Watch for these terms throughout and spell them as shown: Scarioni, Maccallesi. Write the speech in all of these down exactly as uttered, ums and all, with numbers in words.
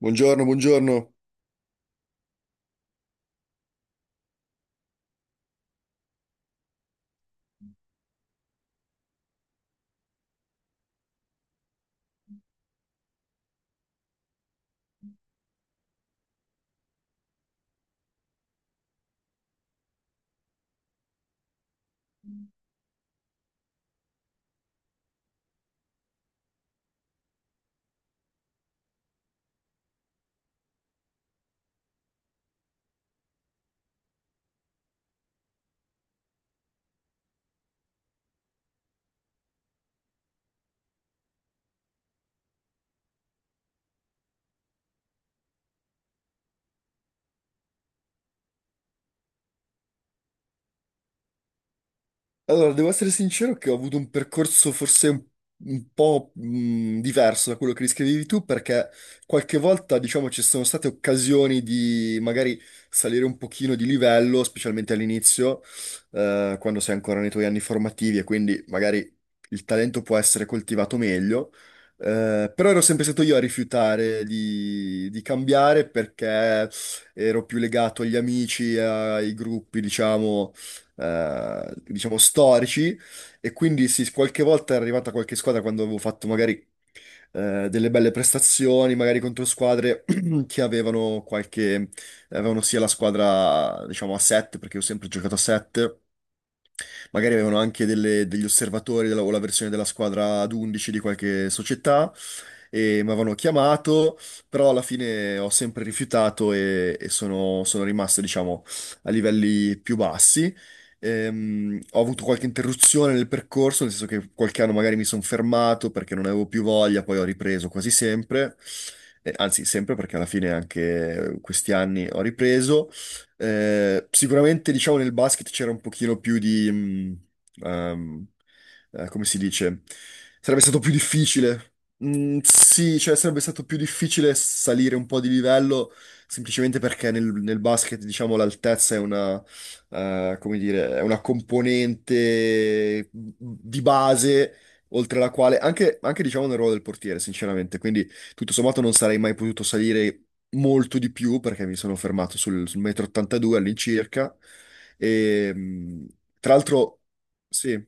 Buongiorno, buongiorno. Allora, devo essere sincero che ho avuto un percorso forse un, un po' mh, diverso da quello che riscrivevi tu, perché qualche volta, diciamo, ci sono state occasioni di magari salire un pochino di livello, specialmente all'inizio, eh, quando sei ancora nei tuoi anni formativi e quindi magari il talento può essere coltivato meglio. Eh, però ero sempre stato io a rifiutare di, di cambiare perché ero più legato agli amici, ai gruppi, diciamo eh, diciamo storici e quindi sì, qualche volta è arrivata qualche squadra quando avevo fatto magari eh, delle belle prestazioni, magari contro squadre che avevano qualche avevano sia la squadra diciamo a sette perché ho sempre giocato a sette, magari avevano anche delle- degli osservatori della- o la versione della squadra ad undici di qualche società. E mi avevano chiamato, però alla fine ho sempre rifiutato e, e sono, sono rimasto, diciamo, a livelli più bassi. Ehm, ho avuto qualche interruzione nel percorso, nel senso che qualche anno magari mi sono fermato perché non avevo più voglia, poi ho ripreso quasi sempre, eh, anzi sempre perché alla fine anche questi anni ho ripreso. Eh, sicuramente diciamo nel basket c'era un pochino più di... mm, ehm, eh, come si dice? Sarebbe stato più difficile. Mm, sì, cioè sarebbe stato più difficile salire un po' di livello semplicemente perché nel, nel basket, diciamo, l'altezza eh, come dire, è una componente mm, di base oltre la quale, anche, anche diciamo nel ruolo del portiere, sinceramente, quindi tutto sommato non sarei mai potuto salire molto di più perché mi sono fermato sul, sul metro ottantadue all'incirca e mh, tra l'altro sì,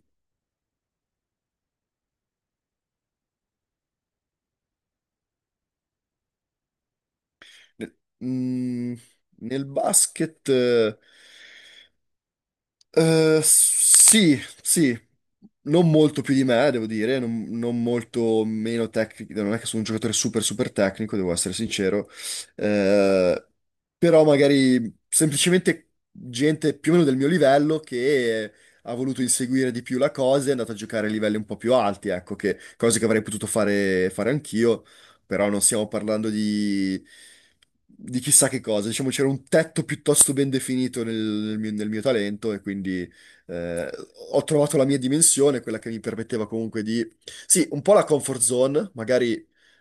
nel, mh, nel basket... eh, Eh, Sì, sì, non molto più di me, devo dire, non, non molto meno tecnico, non è che sono un giocatore super super tecnico, devo essere sincero. Eh, Però magari semplicemente gente più o meno del mio livello che ha voluto inseguire di più la cosa e è andata a giocare a livelli un po' più alti, ecco, che, cose che avrei potuto fare, fare anch'io, però non stiamo parlando di, di chissà che cosa. Diciamo c'era un tetto piuttosto ben definito nel, nel mio, nel mio talento e quindi eh, ho trovato la mia dimensione, quella che mi permetteva comunque di... Sì, un po' la comfort zone, magari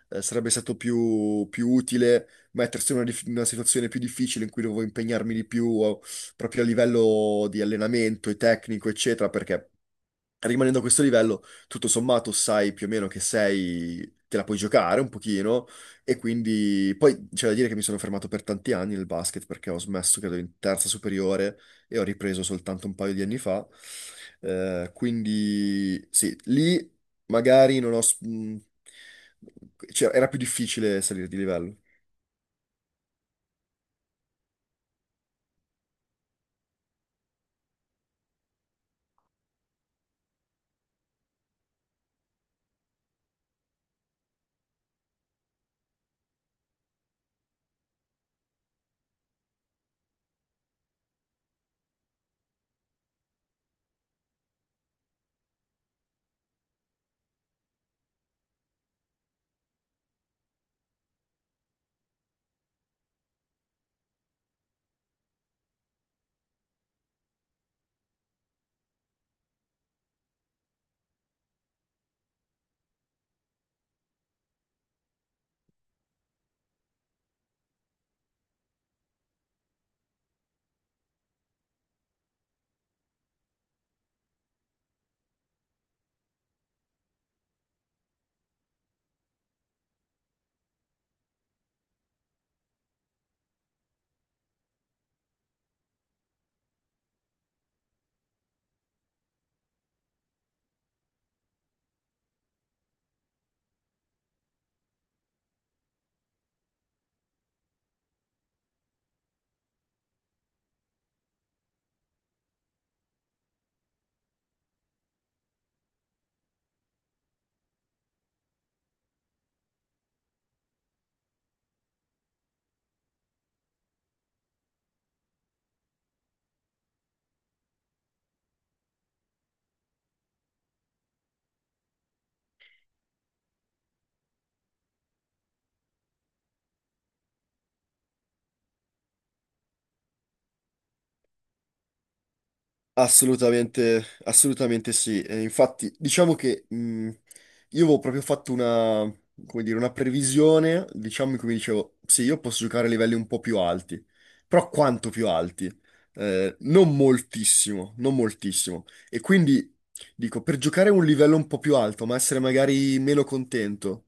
eh, sarebbe stato più, più utile mettersi in una, dif- in una situazione più difficile in cui dovevo impegnarmi di più o proprio a livello di allenamento e tecnico, eccetera, perché rimanendo a questo livello, tutto sommato sai più o meno che sei, te la puoi giocare un pochino e quindi poi c'è da dire che mi sono fermato per tanti anni nel basket perché ho smesso credo in terza superiore e ho ripreso soltanto un paio di anni fa. Eh, quindi sì, lì magari non ho... s- mh, cioè, era più difficile salire di livello. Assolutamente, assolutamente sì. Eh, infatti, diciamo che mh, io avevo proprio fatto una, come dire, una previsione, diciamo, in cui mi dicevo, sì, io posso giocare a livelli un po' più alti, però quanto più alti? Eh, non moltissimo, non moltissimo. E quindi dico, per giocare a un livello un po' più alto, ma essere magari meno contento,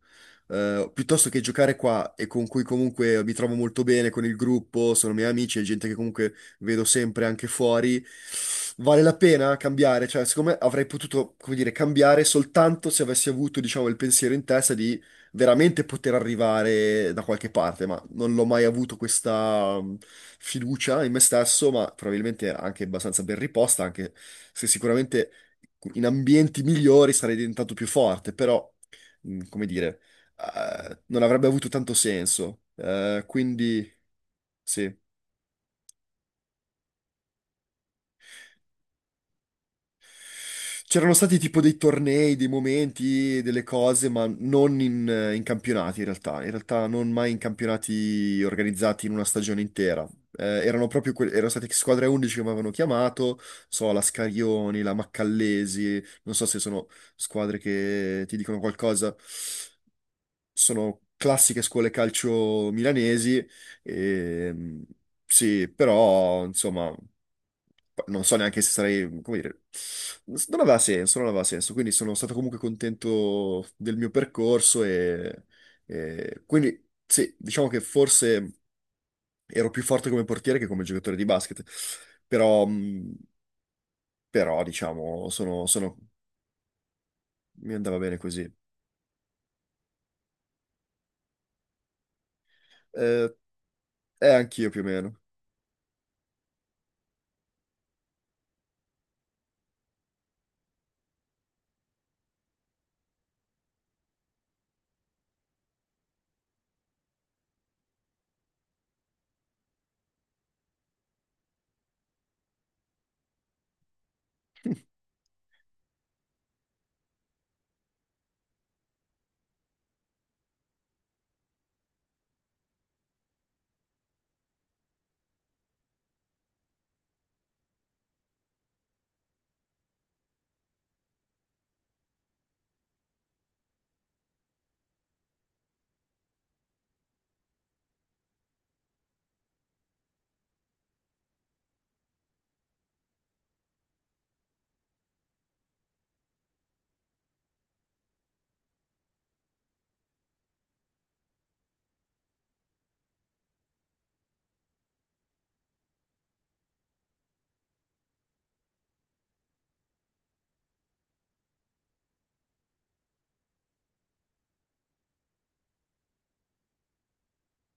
eh, piuttosto che giocare qua e con cui comunque mi trovo molto bene con il gruppo, sono miei amici, è gente che comunque vedo sempre anche fuori. Vale la pena cambiare? Cioè, secondo me avrei potuto, come dire, cambiare soltanto se avessi avuto, diciamo, il pensiero in testa di veramente poter arrivare da qualche parte, ma non l'ho mai avuto questa mh, fiducia in me stesso, ma probabilmente anche abbastanza ben riposta, anche se sicuramente in ambienti migliori sarei diventato più forte, però, mh, come dire, eh, non avrebbe avuto tanto senso. Eh, quindi, sì. C'erano stati tipo dei tornei, dei momenti, delle cose, ma non in, in campionati in realtà. In realtà non mai in campionati organizzati in una stagione intera. Eh, erano proprio que- erano state squadre undici che mi avevano chiamato, so, la Scarioni, la Maccallesi, non so se sono squadre che ti dicono qualcosa. Sono classiche scuole calcio milanesi, e, sì, però insomma non so neanche se sarei, come dire, non aveva senso, non aveva senso, quindi sono stato comunque contento del mio percorso e, e quindi sì, diciamo che forse ero più forte come portiere che come giocatore di basket, però, mh, però diciamo, sono, sono- mi andava bene così. Eh, e anch'io più o meno.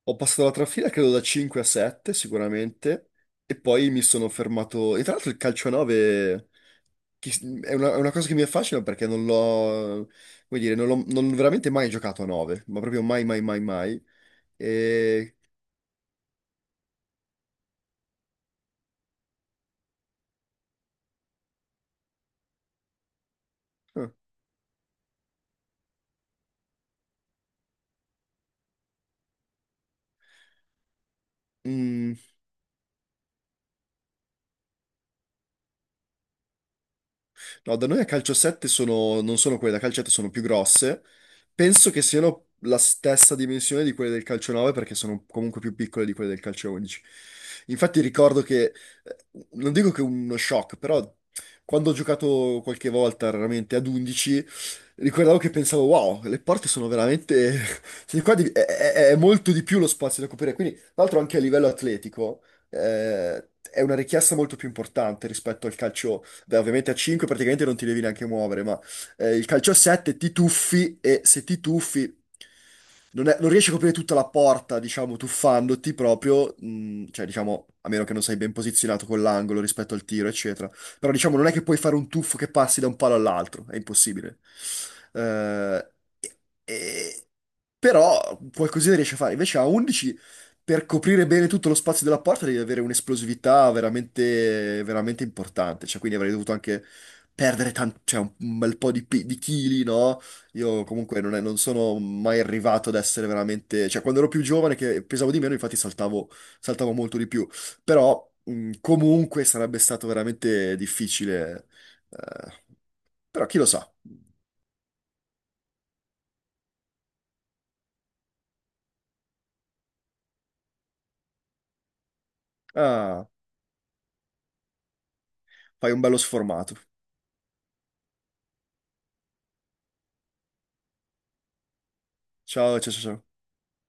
Ho passato la trafila credo da cinque a sette sicuramente e poi mi sono fermato, e tra l'altro il calcio a nove, Che s- è una, è una cosa che mi affascina perché non l'ho, come dire, non l'ho non l'ho veramente mai giocato a nove, ma proprio mai, mai, mai, mai. E... eh, mm, No, da noi a calcio sette sono, non sono quelle da calcio sette, sono più grosse. Penso che siano la stessa dimensione di quelle del calcio nove perché sono comunque più piccole di quelle del calcio undici. Infatti ricordo che, eh, non dico che uno shock, però quando ho giocato qualche volta, raramente ad undici, ricordavo che pensavo, wow, le porte sono veramente... cioè, qua di- è, è- è molto di più lo spazio da coprire. Quindi, tra l'altro anche a livello atletico, eh, è una richiesta molto più importante rispetto al calcio. Beh, ovviamente a cinque praticamente non ti devi neanche muovere, ma eh, il calcio a sette ti tuffi e se ti tuffi non, è- non riesci a coprire tutta la porta, diciamo, tuffandoti proprio, mh, cioè diciamo, a meno che non sei ben posizionato con l'angolo rispetto al tiro, eccetera. Però diciamo, non è che puoi fare un tuffo che passi da un palo all'altro, è impossibile. Eh, e- e- però qualcosina riesci a fare. Invece a undici per coprire bene tutto lo spazio della porta devi avere un'esplosività veramente, veramente importante. Cioè, quindi avrei dovuto anche perdere tan- cioè, un un bel po' di, pe- di chili, no? Io comunque non, è- non sono mai arrivato ad essere veramente... Cioè, quando ero più giovane, che pesavo di meno, infatti saltavo, saltavo molto di più. Però, mh, comunque, sarebbe stato veramente difficile. eh. Però chi lo sa? Ah, fai un bello sformato. Ciao, ciao, ciao, ciao.